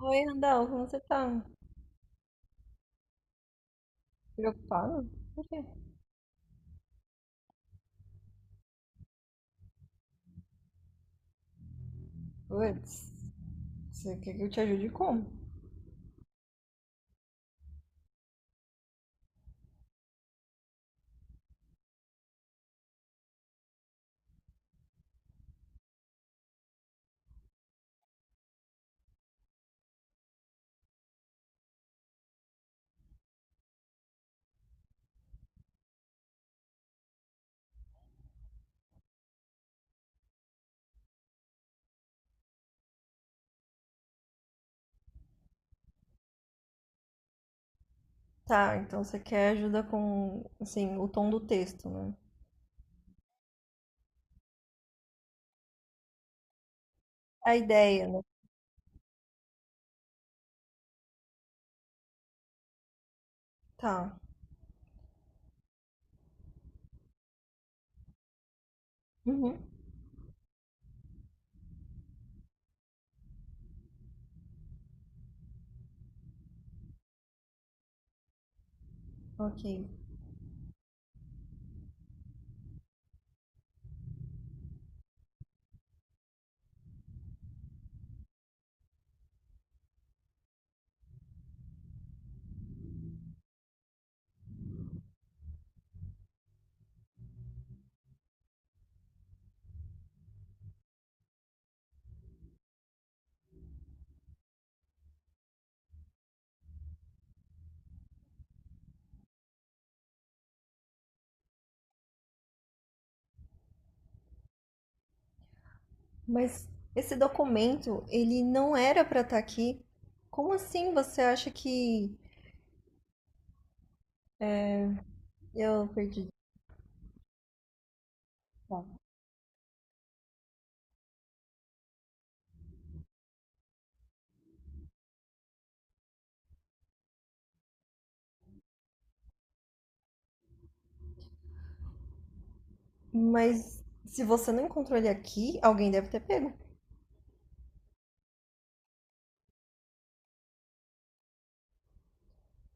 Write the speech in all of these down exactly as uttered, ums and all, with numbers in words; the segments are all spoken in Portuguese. Oi, Randall, como você tá? Preocupado? Por quê? Putz, você quer que eu te ajude como? Tá, então você quer ajuda com, assim, o tom do texto, né? A ideia, né? Tá. Uhum. Ok. Mas esse documento, ele não era pra estar aqui. Como assim você acha que eu perdi? Tá. Mas se você não encontrou ele aqui, alguém deve ter pego.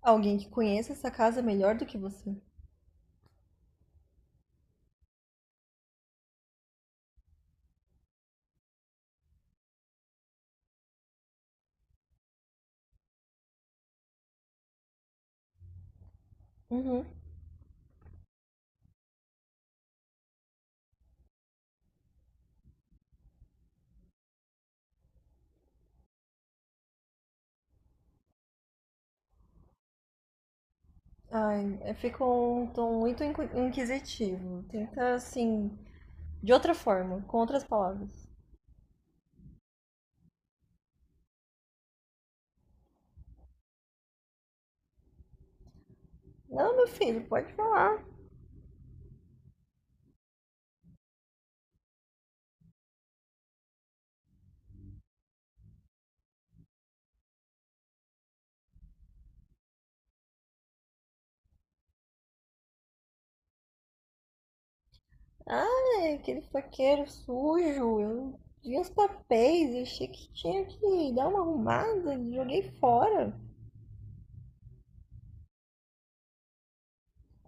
Alguém que conheça essa casa melhor do que você. Uhum. Ai, eu fico um tom muito inqui- inquisitivo. Tenta, assim, de outra forma, com outras palavras. Não, meu filho, pode falar. Ai, aquele faqueiro sujo. Eu vi uns papéis, eu achei que tinha que dar uma arrumada, joguei fora.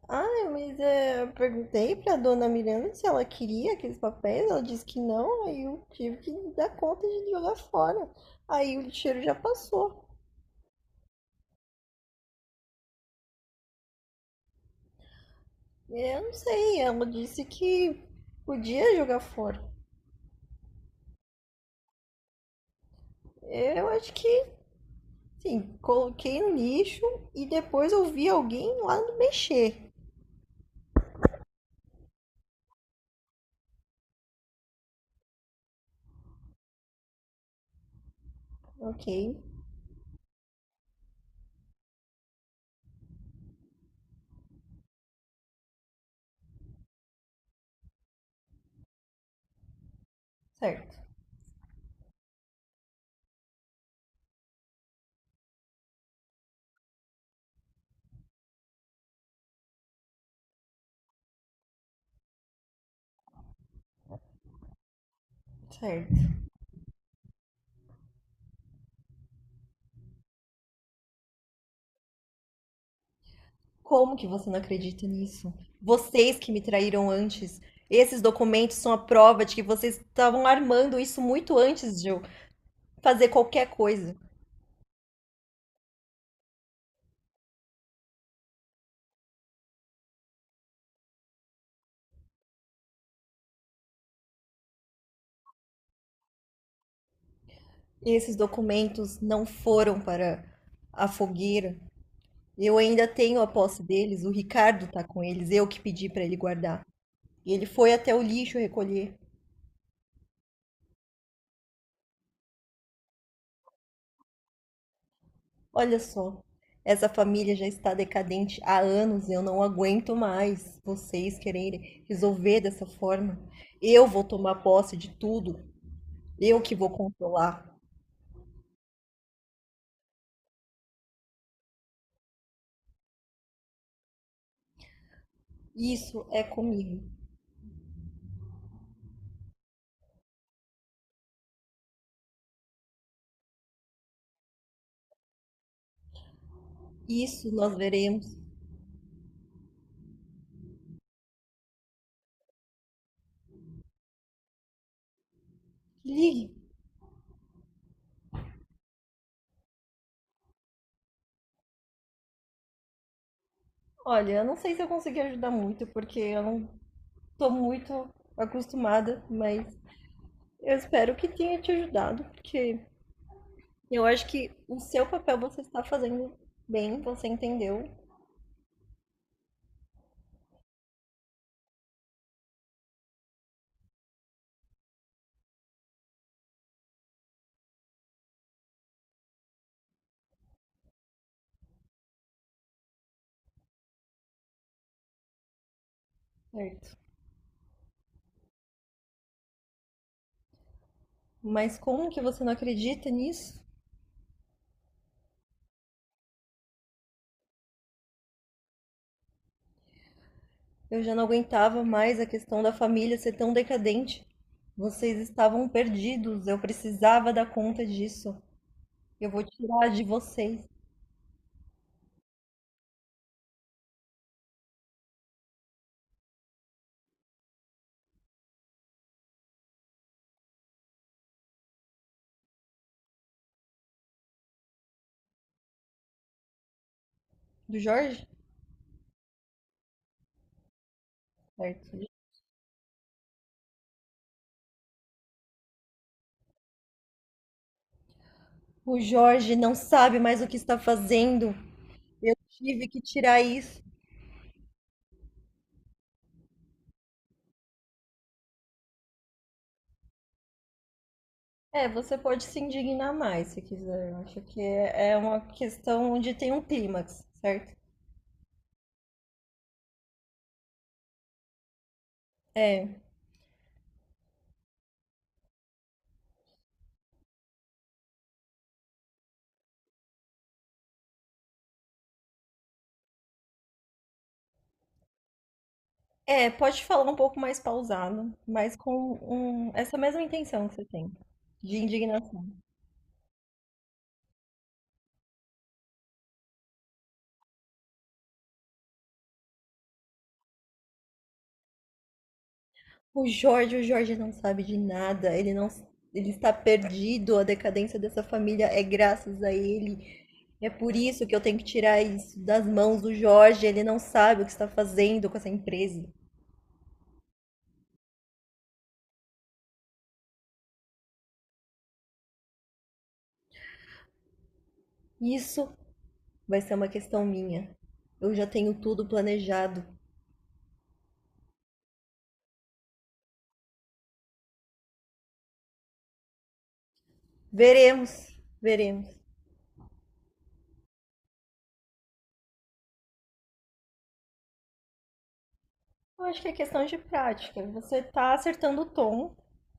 Ai, mas é, eu perguntei pra dona Miranda se ela queria aqueles papéis, ela disse que não, aí eu tive que dar conta de jogar fora. Aí o cheiro já passou. Eu não sei, ela disse que podia jogar fora. Eu acho que, sim, coloquei no lixo e depois eu vi alguém lá mexer. Ok, certo, certo. Como que você não acredita nisso? Vocês que me traíram antes. Esses documentos são a prova de que vocês estavam armando isso muito antes de eu fazer qualquer coisa. Esses documentos não foram para a fogueira. Eu ainda tenho a posse deles, o Ricardo tá com eles, eu que pedi pra ele guardar. E ele foi até o lixo recolher. Olha só, essa família já está decadente há anos, eu não aguento mais vocês quererem resolver dessa forma. Eu vou tomar posse de tudo, eu que vou controlar. Isso é comigo. Isso nós veremos. Ligue. Olha, eu não sei se eu consegui ajudar muito, porque eu não tô muito acostumada, mas eu espero que tenha te ajudado, porque eu acho que o seu papel você está fazendo bem, você entendeu, certo? Mas como que você não acredita nisso? Eu já não aguentava mais a questão da família ser tão decadente. Vocês estavam perdidos, eu precisava dar conta disso. Eu vou tirar de vocês. Do Jorge? Certo. O Jorge não sabe mais o que está fazendo. Eu tive que tirar isso. É, você pode se indignar mais se quiser. Eu acho que é é uma questão onde tem um clímax, certo? É. É, pode falar um pouco mais pausado, mas com um- essa mesma intenção que você tem, de indignação. O Jorge, o Jorge não sabe de nada, ele não, ele está perdido, a decadência dessa família é graças a ele. É por isso que eu tenho que tirar isso das mãos do Jorge, ele não sabe o que está fazendo com essa empresa. Isso vai ser uma questão minha. Eu já tenho tudo planejado. Veremos, veremos. Eu acho que é questão de prática. Você tá acertando o tom,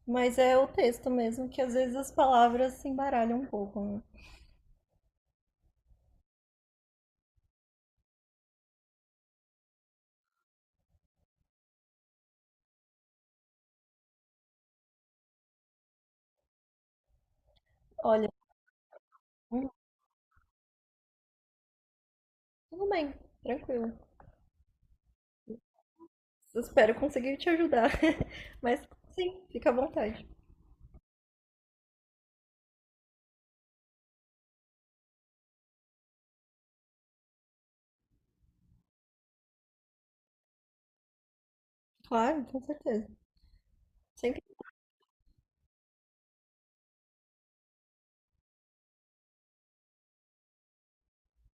mas é o texto mesmo que às vezes as palavras se embaralham um pouco, né? Olha, hum, tudo bem, tranquilo. Eu espero conseguir te ajudar. Mas sim, fica à vontade. Claro, com certeza. Sempre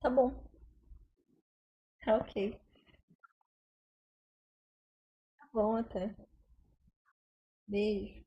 tá bom. Tá, ok. Tá bom até. Beijo.